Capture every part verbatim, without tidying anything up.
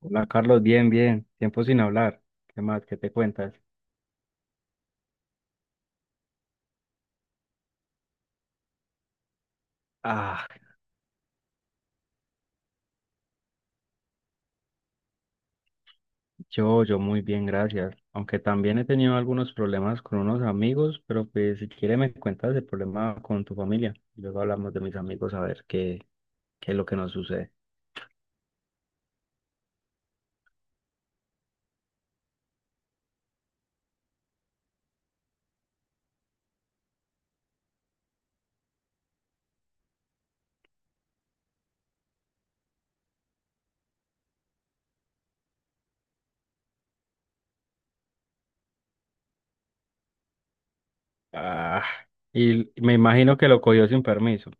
Hola Carlos, bien, bien, tiempo sin hablar. ¿Qué más? ¿Qué te cuentas? Ah, yo, yo muy bien, gracias. Aunque también he tenido algunos problemas con unos amigos, pero pues si quieres me cuentas el problema con tu familia. Luego hablamos de mis amigos a ver qué, qué es lo que nos sucede. Ah, y me imagino que lo cogió sin permiso.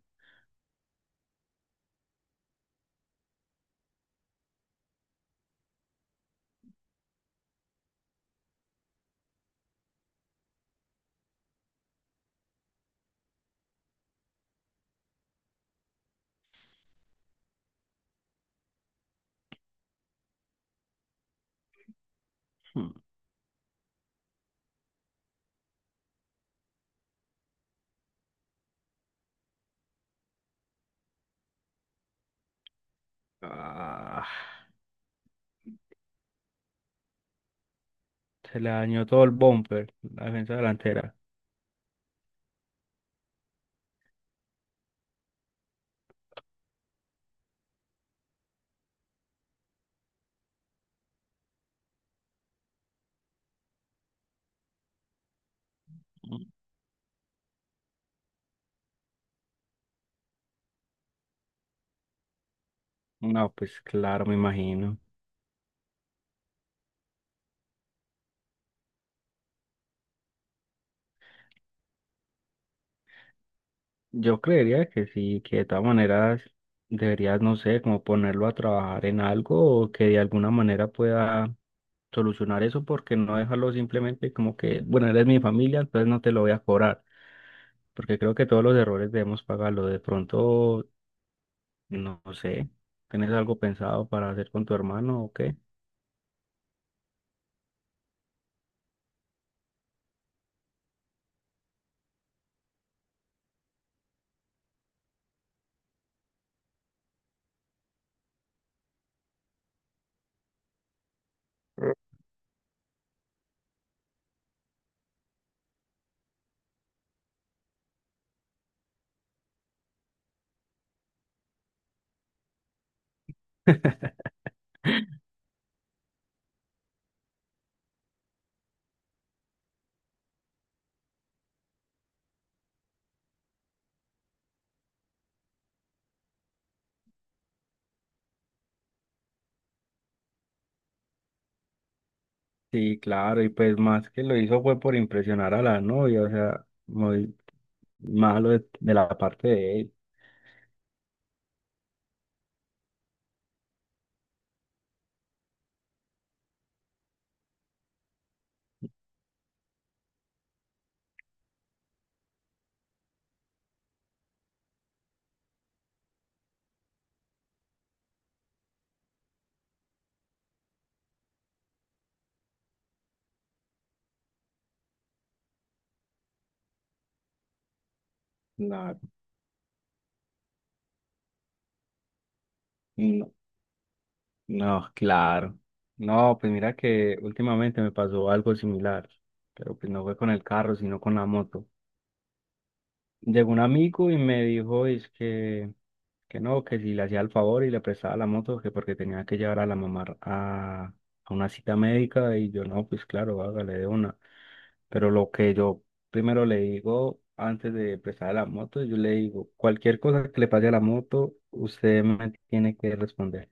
Hmm. Ah, se le dañó todo el bumper, la defensa delantera. No, pues claro, me imagino. Yo creería que sí, que de todas maneras deberías, no sé, como ponerlo a trabajar en algo o que de alguna manera pueda solucionar eso, porque no dejarlo simplemente como que, bueno, eres mi familia, entonces no te lo voy a cobrar, porque creo que todos los errores debemos pagarlo. De pronto, no sé, ¿tienes algo pensado para hacer con tu hermano o qué? Sí, claro, y pues más que lo hizo fue por impresionar a la novia, o sea, muy malo de, de la parte de él. la- no. No, claro. No, pues mira que últimamente me pasó algo similar, pero pues no fue con el carro, sino con la moto. Llegó un amigo y me dijo es que, que no, que si le hacía el favor y le prestaba la moto, que porque tenía que llevar a la mamá a, a una cita médica y yo no, pues claro, hágale de una. Pero lo que yo primero le digo antes de prestar la moto, yo le digo, cualquier cosa que le pase a la moto, usted me tiene que responder.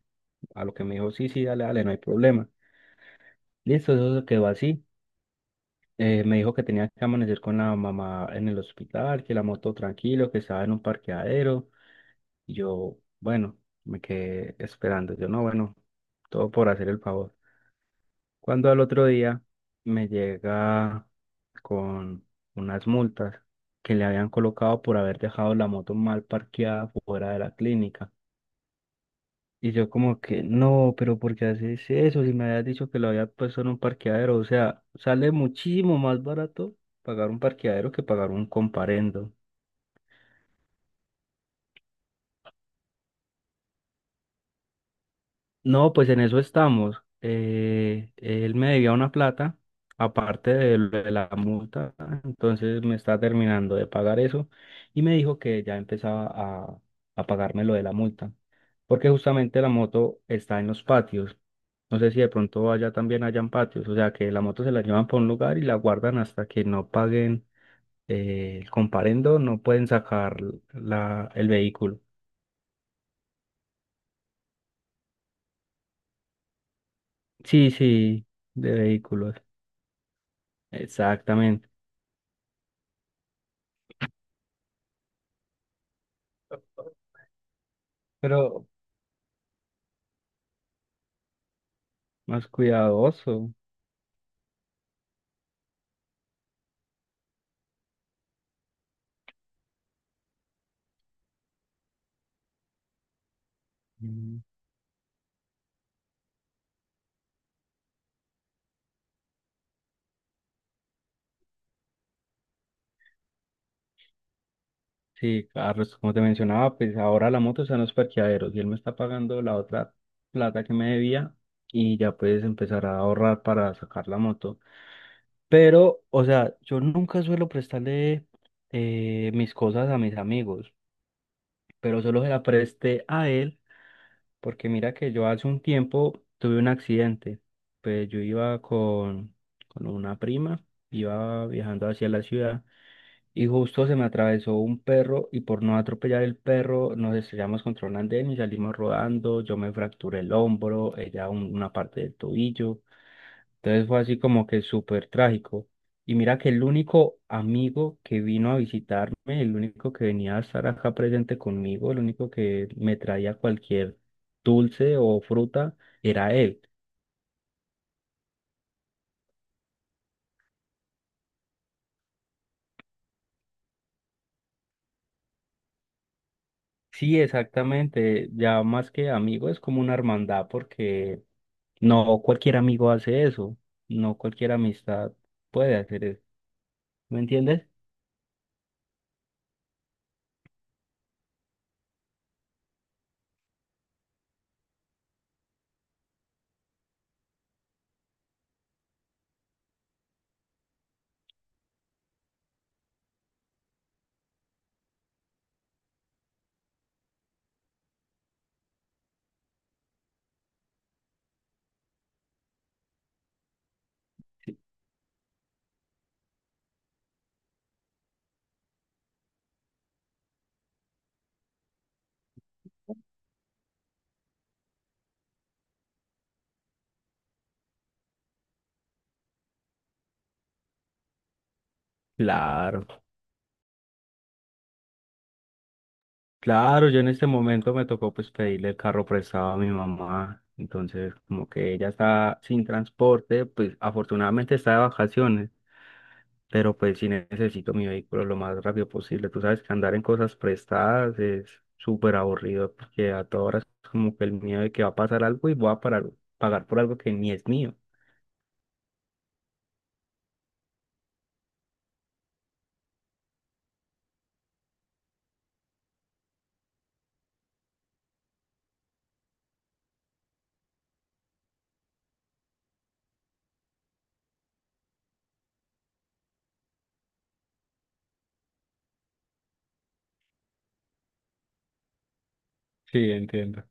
A lo que me dijo, sí, sí, dale, dale, no hay problema. Listo, eso quedó así. Eh, me dijo que tenía que amanecer con la mamá en el hospital, que la moto tranquilo, que estaba en un parqueadero. Y yo, bueno, me quedé esperando. Yo, no, bueno, todo por hacer el favor. Cuando al otro día me llega con unas multas que le habían colocado por haber dejado la moto mal parqueada fuera de la clínica. Y yo como que, no, pero ¿por qué haces eso? Si me habías dicho que lo había puesto en un parqueadero, o sea, sale muchísimo más barato pagar un parqueadero que pagar un comparendo. No, pues en eso estamos. Eh, él me debía una plata, aparte de, lo de la multa, entonces me está terminando de pagar eso y me dijo que ya empezaba a, a pagarme lo de la multa. Porque justamente la moto está en los patios. No sé si de pronto allá también hayan patios, o sea que la moto se la llevan por un lugar y la guardan hasta que no paguen eh, el comparendo, no pueden sacar la, el vehículo. Sí, sí, de vehículos, exactamente. Pero más cuidadoso. Mm. Sí, Carlos, como te mencionaba, pues ahora la moto está en los parqueaderos y él me está pagando la otra plata que me debía y ya puedes empezar a ahorrar para sacar la moto. Pero, o sea, yo nunca suelo prestarle eh, mis cosas a mis amigos, pero solo se la presté a él, porque mira que yo hace un tiempo tuve un accidente. Pues yo iba con, con una prima, iba viajando hacia la ciudad y justo se me atravesó un perro y por no atropellar el perro nos estrellamos contra un andén y salimos rodando, yo me fracturé el hombro, ella un- una parte del tobillo. Entonces fue así como que súper trágico. Y mira que el único amigo que vino a visitarme, el único que venía a estar acá presente conmigo, el único que me traía cualquier dulce o fruta, era él. Sí, exactamente. Ya más que amigo es como una hermandad porque no cualquier amigo hace eso. No cualquier amistad puede hacer eso. ¿Me entiendes? Claro. Claro, yo en este momento me tocó pues pedirle el carro prestado a mi mamá, entonces como que ella está sin transporte, pues afortunadamente está de vacaciones, pero pues sí necesito mi vehículo lo más rápido posible. Tú sabes que andar en cosas prestadas es súper aburrido porque a todas horas es como que el miedo de que va a pasar algo y voy a parar- pagar por algo que ni es mío. Sí, entiendo.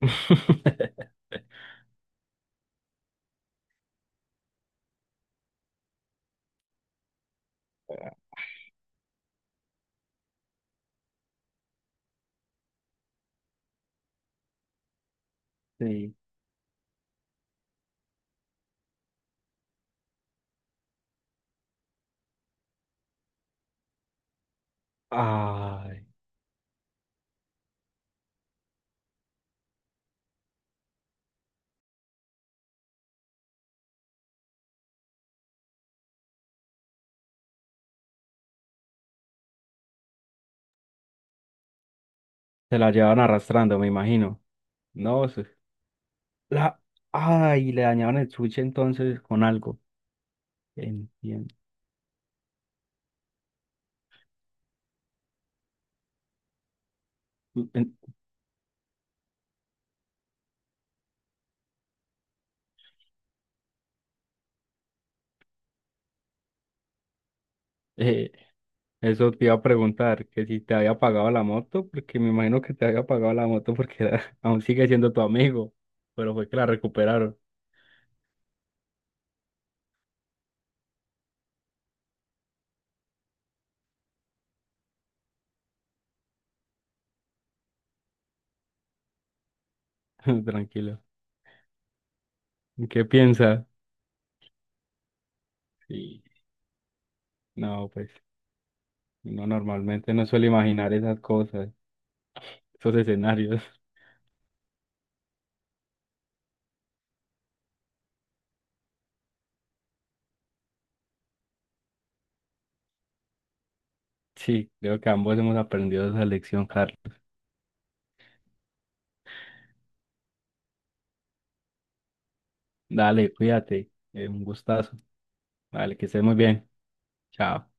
Sí. Ay, se la llevan arrastrando, me imagino. No, eso La... Ay, le dañaron el sushi entonces con algo. Entiendo. En- eh, Eso te iba a preguntar, que si te había pagado la moto, porque me imagino que te había pagado la moto porque era- aún sigue siendo tu amigo, pero fue que la recuperaron. Tranquilo. ¿Y ¿Qué piensas? Sí. No, pues no normalmente no suele imaginar esas cosas, esos escenarios. Sí, creo que ambos hemos aprendido esa lección, Carlos. Dale, cuídate. Eh, un gustazo. Vale, que estés muy bien. Chao.